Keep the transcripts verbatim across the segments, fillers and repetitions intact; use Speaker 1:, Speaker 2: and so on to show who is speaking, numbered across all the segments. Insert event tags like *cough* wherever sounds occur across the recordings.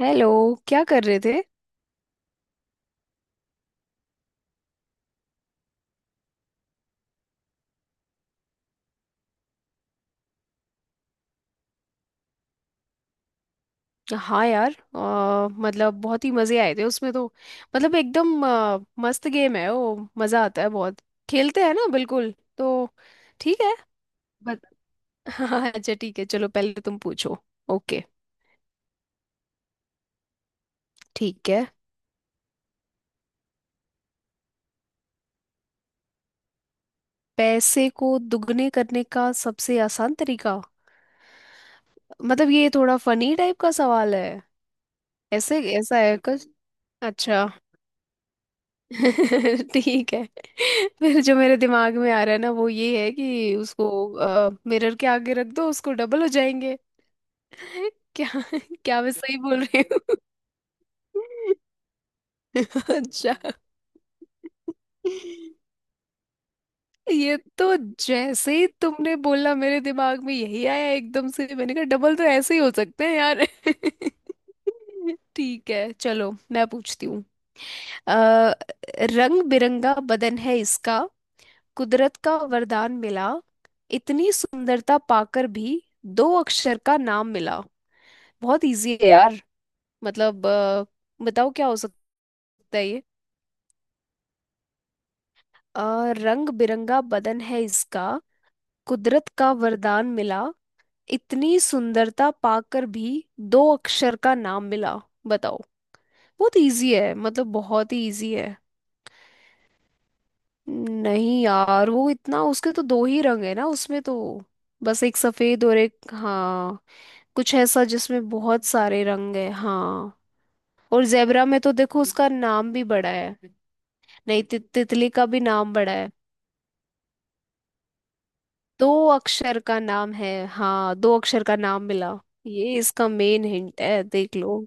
Speaker 1: Hello. क्या कर रहे थे? हाँ यार, अ, मतलब बहुत ही मज़े आए थे उसमें तो। मतलब एकदम अ, मस्त गेम है वो, मज़ा आता है बहुत। खेलते हैं ना, बिल्कुल। तो ठीक है। बट *laughs* हाँ, अच्छा ठीक है, चलो पहले तुम पूछो। ओके। ठीक है। पैसे को दुगने करने का सबसे आसान तरीका? मतलब ये थोड़ा फनी टाइप का सवाल है। ऐसे ऐसा है कुछ? अच्छा। *laughs* ठीक है। फिर जो मेरे दिमाग में आ रहा है ना वो ये है कि उसको मिरर के आगे रख दो, उसको डबल हो जाएंगे। *laughs* क्या? क्या मैं सही बोल रही हूँ? *laughs* अच्छा। ये तो जैसे ही तुमने बोला, मेरे दिमाग में यही आया एकदम से। मैंने कहा डबल तो ऐसे ही हो सकते हैं यार। *laughs* ठीक है, चलो मैं पूछती हूँ। अ, रंग बिरंगा बदन है इसका। कुदरत का वरदान मिला। इतनी सुंदरता पाकर भी दो अक्षर का नाम मिला। बहुत इजी है यार। मतलब अ, बताओ क्या हो सकता है ये। अ, रंग बिरंगा बदन है इसका। कुदरत का वरदान मिला। इतनी सुंदरता पाकर भी दो अक्षर का नाम मिला। बताओ। बहुत इजी है, मतलब बहुत ही इजी है। नहीं यार, वो इतना, उसके तो दो ही रंग है ना उसमें तो, बस एक सफेद और एक, हाँ। कुछ ऐसा जिसमें बहुत सारे रंग है, हाँ। और जेबरा में तो देखो उसका नाम भी बड़ा है। नहीं, ति तितली का भी नाम बड़ा है। दो अक्षर का नाम है, हाँ, दो अक्षर का नाम मिला। ये इसका मेन हिंट है, देख लो।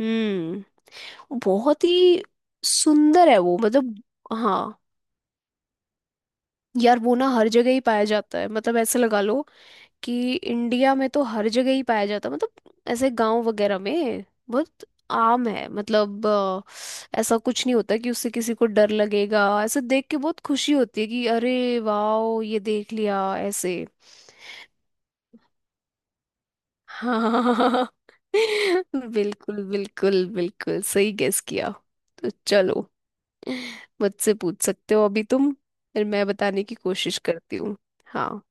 Speaker 1: हम्म। बहुत ही सुंदर है वो मतलब। हाँ यार, वो ना हर जगह ही पाया जाता है, मतलब ऐसे लगा लो कि इंडिया में तो हर जगह ही पाया जाता है, मतलब ऐसे गांव वगैरह में। बहुत आम है, मतलब अ, ऐसा कुछ नहीं होता कि उससे किसी को डर लगेगा, ऐसे देख के बहुत खुशी होती है कि अरे वाह, ये देख लिया ऐसे। हाँ। *laughs* बिल्कुल बिल्कुल बिल्कुल सही गेस किया। तो चलो, मुझसे पूछ सकते हो अभी तुम, फिर मैं बताने की कोशिश करती हूँ। हाँ।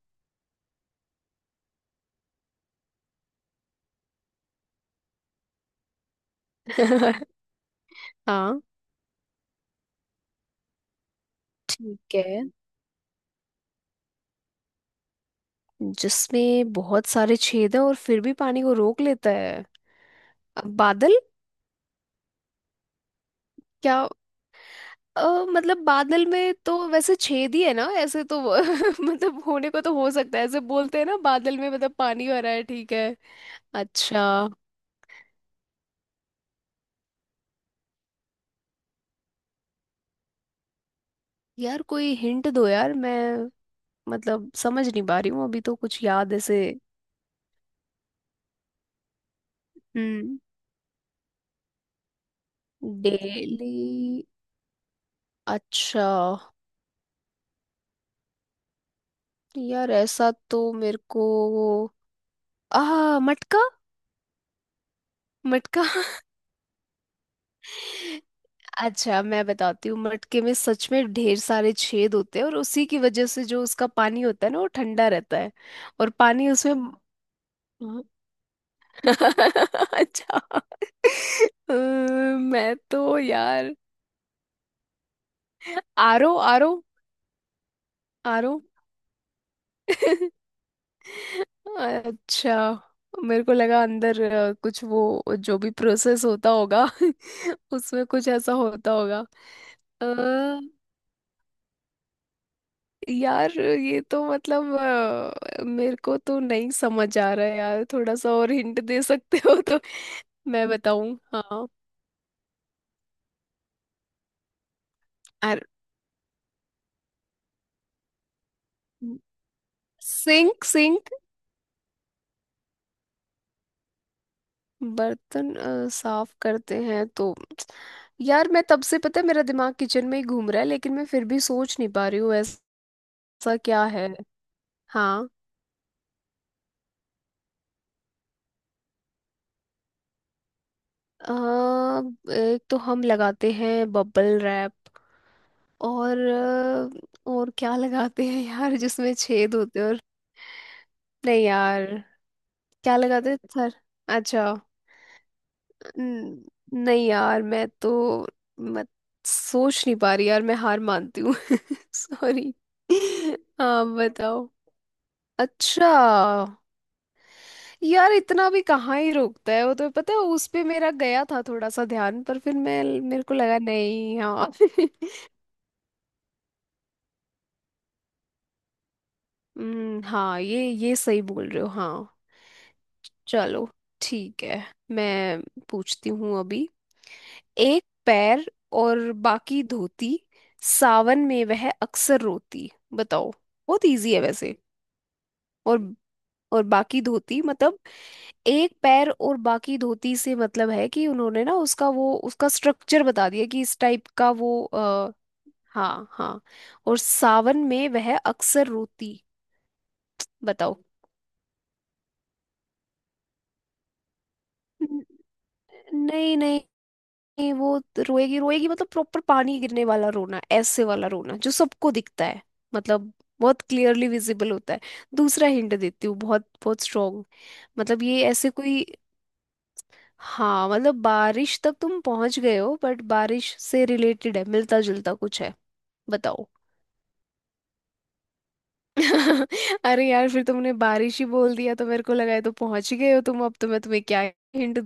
Speaker 1: *laughs* हाँ, ठीक है। जिसमें बहुत सारे छेद हैं और फिर भी पानी को रोक लेता है? अब बादल? क्या? अ, मतलब बादल में तो वैसे छेद ही है ना ऐसे तो, वो- *laughs* मतलब होने को तो हो सकता है, ऐसे बोलते हैं ना बादल में मतलब पानी भरा है, ठीक है। अच्छा। यार कोई हिंट दो यार। मैं मतलब समझ नहीं पा रही हूँ अभी तो, कुछ याद ऐसे। हम्म। डेली? अच्छा। यार ऐसा तो मेरे को, आ मटका। मटका? *laughs* अच्छा मैं बताती हूँ, मटके में सच में ढेर सारे छेद होते हैं और उसी की वजह से जो उसका पानी होता है ना, वो ठंडा रहता है। और पानी उसमें। *laughs* अच्छा। अम्म, मैं तो यार, आरो। आरो? आरो? अच्छा, मेरे को लगा अंदर अ, कुछ वो जो भी प्रोसेस होता होगा *laughs* उसमें कुछ ऐसा होता होगा। यार ये तो मतलब, अ, मेरे को तो नहीं समझ आ रहा है यार। थोड़ा सा और हिंट दे सकते हो तो मैं *laughs* बताऊं, हाँ? अर सिंक। सिंक? बर्तन अ, साफ करते हैं तो। यार मैं, तब से पता है मेरा दिमाग किचन में ही घूम रहा है लेकिन मैं फिर भी सोच नहीं पा रही हूँ ऐसा। क्या है? हाँ। अ, एक तो हम लगाते हैं बबल रैप। और अ, और क्या लगाते हैं यार, जिसमें छेद होते हैं, और नहीं यार, क्या लगाते हैं सर? अच्छा। न- नहीं यार मैं तो, मत सोच नहीं पा रही यार, मैं हार मानती हूँ। *laughs* सॉरी, आप बताओ। अच्छा, यार इतना भी कहाँ ही रोकता है वो तो पता है, उस पे मेरा गया था थोड़ा सा ध्यान, पर फिर मैं, मेरे को लगा नहीं, हाँ। *laughs* हम्म, हाँ, ये ये सही बोल रहे हो, हाँ। चलो ठीक है, मैं पूछती हूँ अभी। एक पैर और बाकी धोती, सावन में वह अक्सर रोती। बताओ। बहुत इजी है वैसे। और और बाकी धोती मतलब, एक पैर और बाकी धोती से मतलब है कि उन्होंने ना उसका वो उसका स्ट्रक्चर बता दिया कि इस टाइप का वो आ, हाँ हाँ, और सावन में वह अक्सर रोती। बताओ। न- नहीं नहीं नहीं, वो तो रोएगी रोएगी मतलब, प्रॉपर पानी गिरने वाला रोना, ऐसे वाला रोना जो सबको दिखता है, मतलब बहुत क्लियरली विजिबल होता है। दूसरा हिंट देती हूँ बहुत बहुत स्ट्रॉन्ग। मतलब ये ऐसे कोई, हाँ मतलब, बारिश तक तुम पहुंच गए हो बट बारिश से रिलेटेड है, मिलता जुलता कुछ है। बताओ। *laughs* अरे यार, फिर तुमने बारिश ही बोल दिया तो मेरे को लगा है तो पहुंच ही गए हो तुम, अब तो मैं तुम्हें क्या हिंट?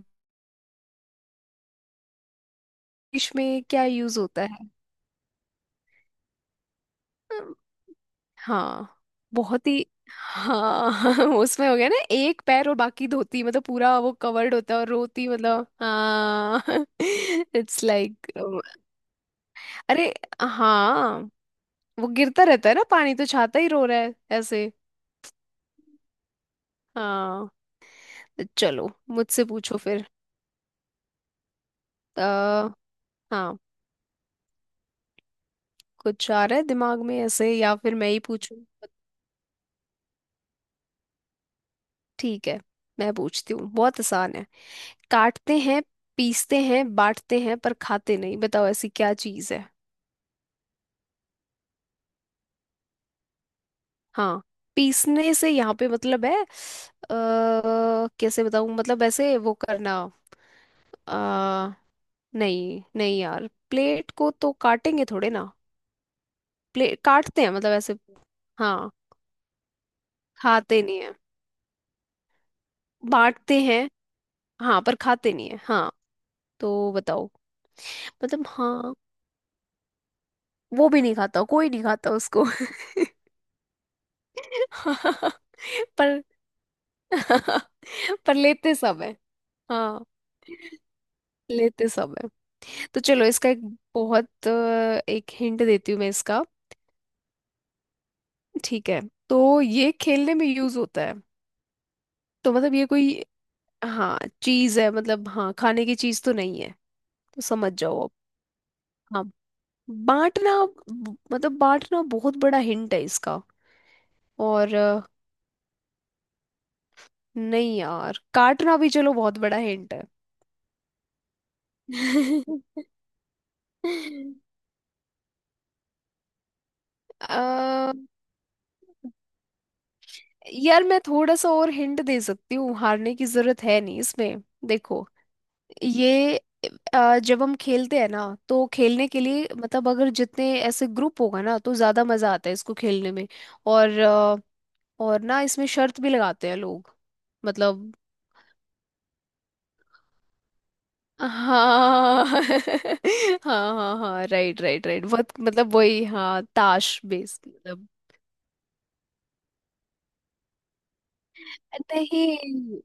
Speaker 1: बारिश में क्या यूज होता है? हाँ। बहुत ही, हाँ। *laughs* उसमें हो गया ना, एक पैर और बाकी धोती मतलब पूरा वो कवर्ड होता है, और रोती मतलब, हाँ। *laughs* इट्स लाइक like, अरे हाँ, वो गिरता रहता है ना पानी, तो छाता ही रो रहा है ऐसे, हाँ। चलो, मुझसे पूछो फिर। आ, हाँ, कुछ आ रहा है दिमाग में ऐसे या फिर मैं ही पूछूं? ठीक है, मैं पूछती हूँ। बहुत आसान है। काटते हैं, पीसते हैं, बांटते हैं पर खाते नहीं। बताओ ऐसी क्या चीज है। हाँ। पीसने से यहाँ पे मतलब है, अ, कैसे बताऊं, मतलब ऐसे वो करना। अ, नहीं नहीं यार, प्लेट को तो काटेंगे थोड़े ना। प्लेट काटते हैं मतलब ऐसे। हाँ, खाते नहीं है। बांटते हैं, हाँ, पर खाते नहीं है, हाँ। तो बताओ। मतलब, हाँ, वो भी नहीं खाता, कोई नहीं खाता उसको। *laughs* हाँ, पर *laughs* पर लेते सब है। हाँ, लेते सब है। तो चलो, इसका एक बहुत अ, एक हिंट देती हूँ मैं इसका, ठीक है। तो ये खेलने में यूज होता है। तो मतलब ये कोई, हाँ, चीज है, मतलब हाँ, खाने की चीज तो नहीं है, तो समझ जाओ आप। हाँ। बांटना, ब- मतलब बांटना बहुत बड़ा हिंट है इसका। और अ, नहीं यार, काटना भी चलो बहुत बड़ा हिंट है। *laughs* अ, यार मैं थोड़ा सा और हिंट दे सकती हूँ, हारने की जरूरत है नहीं इसमें, देखो। ये अ, जब हम खेलते हैं ना तो खेलने के लिए, मतलब अगर जितने ऐसे ग्रुप होगा ना तो ज्यादा मजा आता है इसको खेलने में। और अ, और ना इसमें शर्त भी लगाते हैं लोग, मतलब हाँ। *laughs* हाँ हाँ हाँ, राइट राइट राइट, बहुत मतलब वही, हाँ, ताश बेस्ड। नहीं,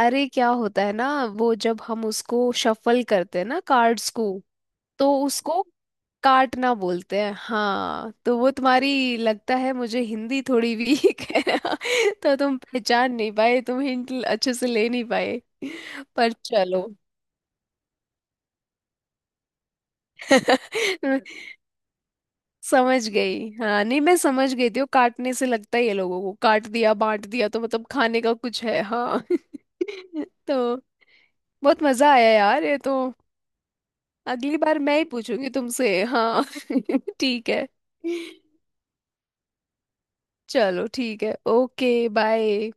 Speaker 1: अरे क्या होता है ना, वो जब हम उसको शफल करते हैं ना कार्ड्स को, तो उसको काटना बोलते हैं, हाँ। तो वो तुम्हारी, लगता है मुझे, हिंदी थोड़ी वीक है *laughs* तो तुम पहचान नहीं पाए, तुम हिंट अच्छे से ले नहीं पाए। पर चलो। *laughs* समझ गई, हाँ, नहीं मैं समझ गई थी वो, काटने से लगता है ये लोगों को काट दिया, बांट दिया, तो मतलब खाने का कुछ है, हाँ। *laughs* तो बहुत मजा आया यार ये तो। अगली बार मैं ही पूछूंगी तुमसे। हाँ। *laughs* ठीक है, चलो ठीक है, ओके। बाय।